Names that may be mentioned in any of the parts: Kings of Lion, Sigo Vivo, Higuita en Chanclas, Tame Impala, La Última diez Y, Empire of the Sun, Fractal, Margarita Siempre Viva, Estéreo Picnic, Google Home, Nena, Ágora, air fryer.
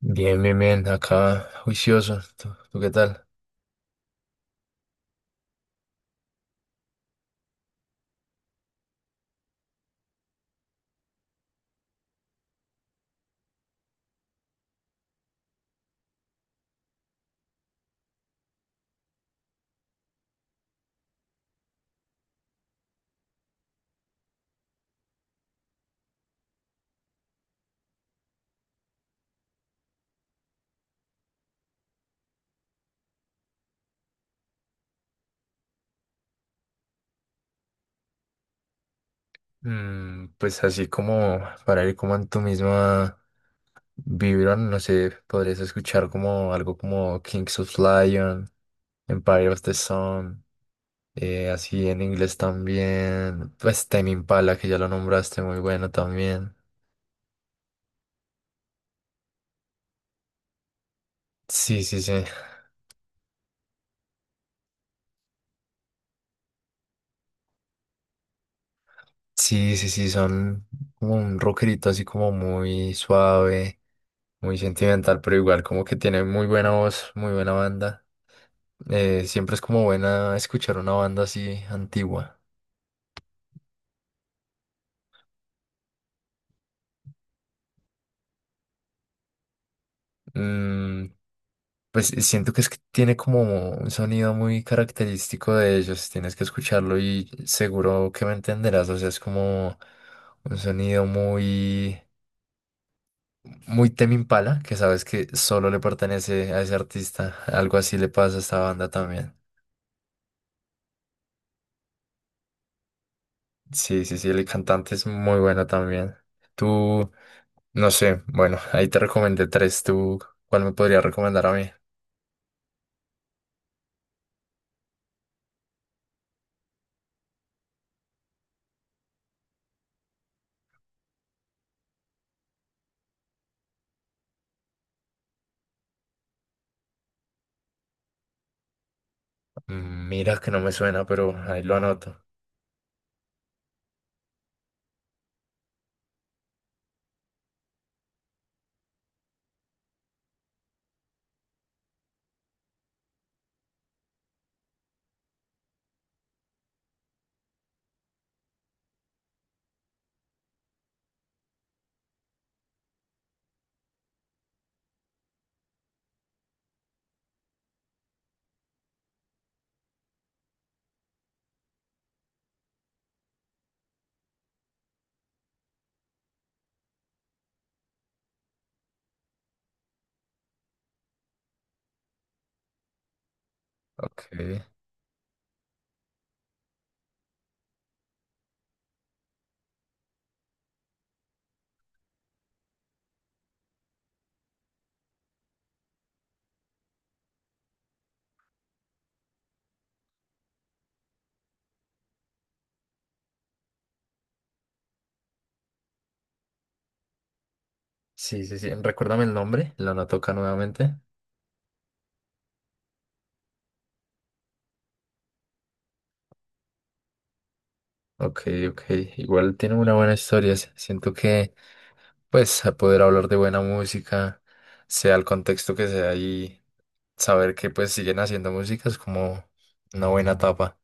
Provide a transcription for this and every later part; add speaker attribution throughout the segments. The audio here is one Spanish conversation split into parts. Speaker 1: Bien, bien, bien, acá juicioso. ¿Tú qué tal? Pues así como para ir como en tu misma vibra, no sé, podrías escuchar como algo como Kings of Lion, Empire of the Sun, así en inglés también, pues Tame Impala, que ya lo nombraste, muy bueno también. Sí, sí, sí. Sí, sí, sí, son como un rockerito así como muy suave, muy sentimental, pero igual como que tiene muy buena voz, muy buena banda. Siempre es como buena escuchar una banda así antigua. Mm, pues siento que es que tiene como un sonido muy característico de ellos. Tienes que escucharlo y seguro que me entenderás. O sea, es como un sonido muy Tame Impala, que sabes que solo le pertenece a ese artista. Algo así le pasa a esta banda también. Sí, sí, sí, el cantante es muy bueno también. Tú, no sé, bueno, ahí te recomendé tres. ¿Tú cuál me podría recomendar a mí? Mira que no me suena, pero ahí lo anoto. Ok. Sí, sí, sí. Recuérdame el nombre. Lo anoto acá nuevamente. Ok, ok. Igual tiene una buena historia. Siento que, pues, a poder hablar de buena música, sea el contexto que sea y saber que, pues, siguen haciendo música es como una buena etapa.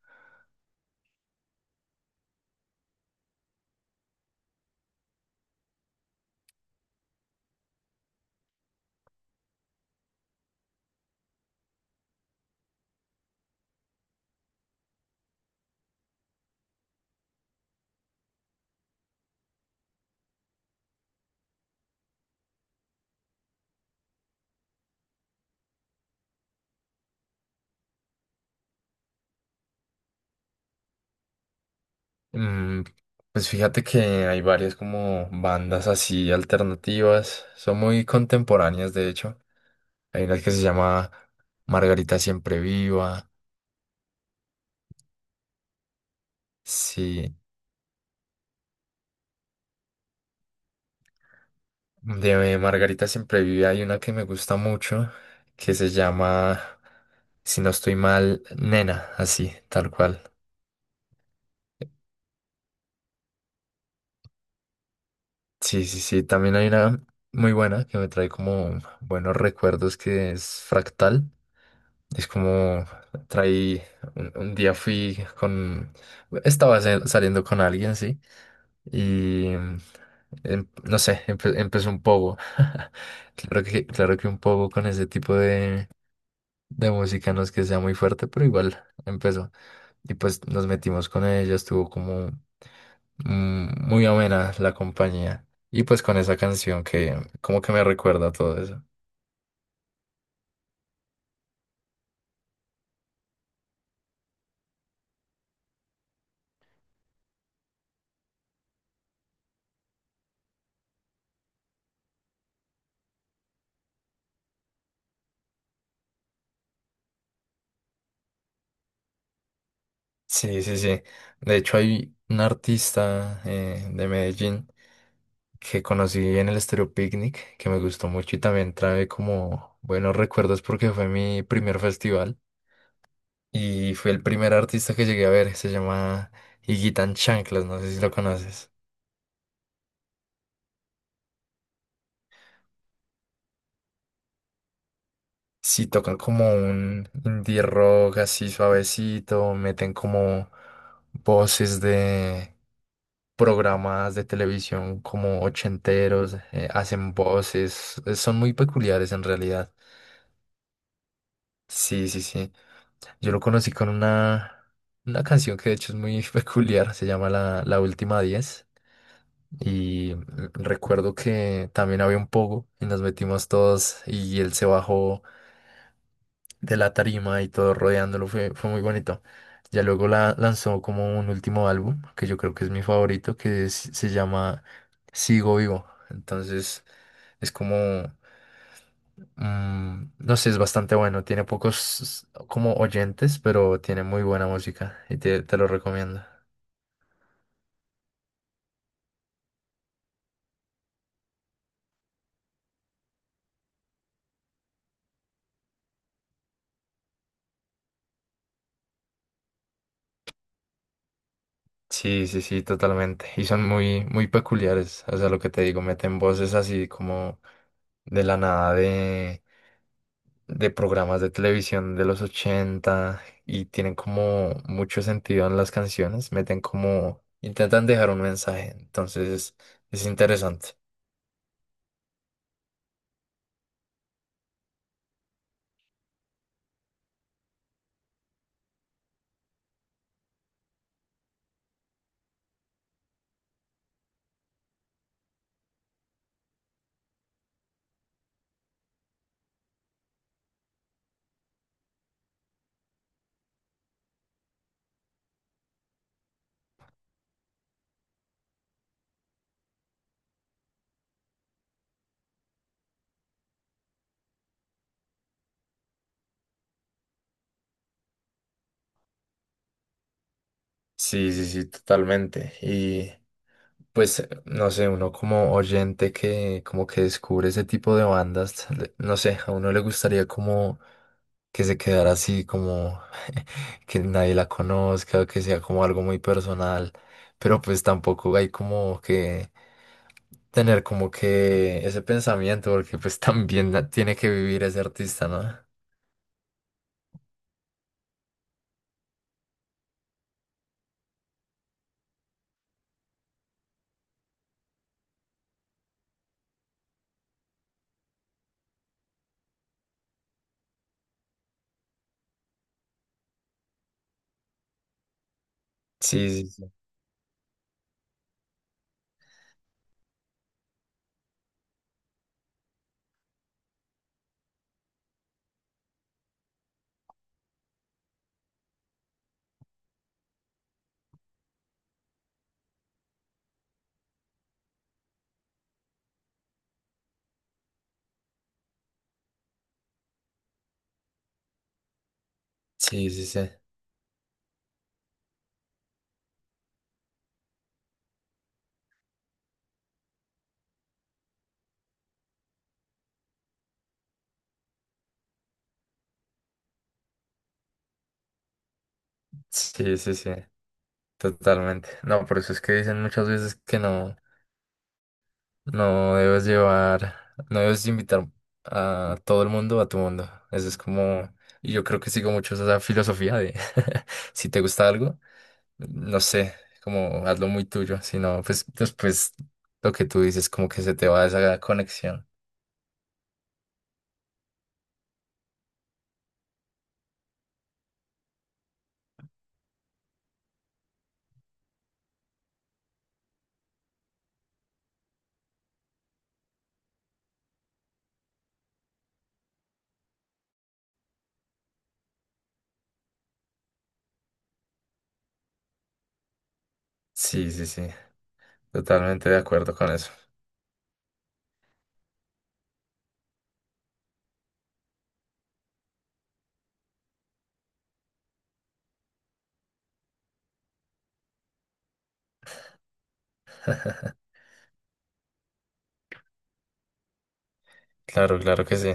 Speaker 1: Mm, pues fíjate que hay varias como bandas así alternativas. Son muy contemporáneas, de hecho. Hay una que se llama Margarita Siempre Viva. Sí, de Margarita siempre vive. Hay una que me gusta mucho que se llama, si no estoy mal, Nena, así, tal cual. Sí, sí, sí. También hay una muy buena que me trae como buenos recuerdos que es Fractal. Es como traí, un día fui con, estaba saliendo con alguien, sí, y no sé, empezó un poco. Claro que un poco con ese tipo de música, no es que sea muy fuerte, pero igual empezó. Y pues nos metimos con ella, estuvo como muy amena la compañía. Y pues con esa canción que como que me recuerda todo eso. Sí, sí, sí. De hecho hay un artista de Medellín que conocí en el Estéreo Picnic, que me gustó mucho y también trae como buenos recuerdos porque fue mi primer festival y fue el primer artista que llegué a ver, se llama Higuita en Chanclas, no sé si lo conoces. Si tocan como un indie rock así suavecito, meten como voces de programas de televisión como ochenteros, hacen voces, son muy peculiares en realidad. Sí, sí, sí. Yo lo conocí con una canción que de hecho es muy peculiar, se llama La Última diez. Y recuerdo que también había un pogo y nos metimos todos y él se bajó de la tarima y todo rodeándolo fue, fue muy bonito. Ya luego la lanzó como un último álbum, que yo creo que es mi favorito, que se llama Sigo Vivo. Entonces es como, no sé, es bastante bueno. Tiene pocos como oyentes, pero tiene muy buena música y te lo recomiendo. Sí, sí, sí, totalmente. Y son muy peculiares. O sea, lo que te digo, meten voces así como de la nada de programas de televisión de los 80 y tienen como mucho sentido en las canciones, meten como, intentan dejar un mensaje, entonces es interesante. Sí, sí, sí, totalmente. Y pues, no sé, uno como oyente que como que descubre ese tipo de bandas, no sé, a uno le gustaría como que se quedara así como que nadie la conozca, que sea como algo muy personal, pero pues tampoco hay como que tener como que ese pensamiento, porque pues también tiene que vivir ese artista, ¿no? Sí, sí, sí, sí, sí, sí, sí, sí, sí, totalmente. No, por eso es que dicen muchas veces que no. No debes llevar, no debes invitar a todo el mundo a tu mundo. Eso es como, y yo creo que sigo mucho esa filosofía de si te gusta algo, no sé, como hazlo muy tuyo, si no, pues después lo que tú dices, como que se te va esa conexión. Sí, sí, sí, totalmente de acuerdo con eso. Claro, claro que sí.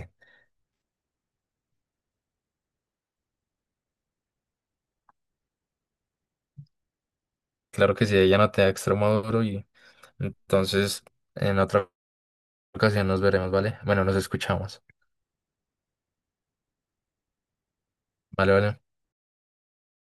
Speaker 1: Claro que sí, ella no te da extremo duro y entonces en otra ocasión nos veremos, ¿vale? Bueno, nos escuchamos. Vale, vale.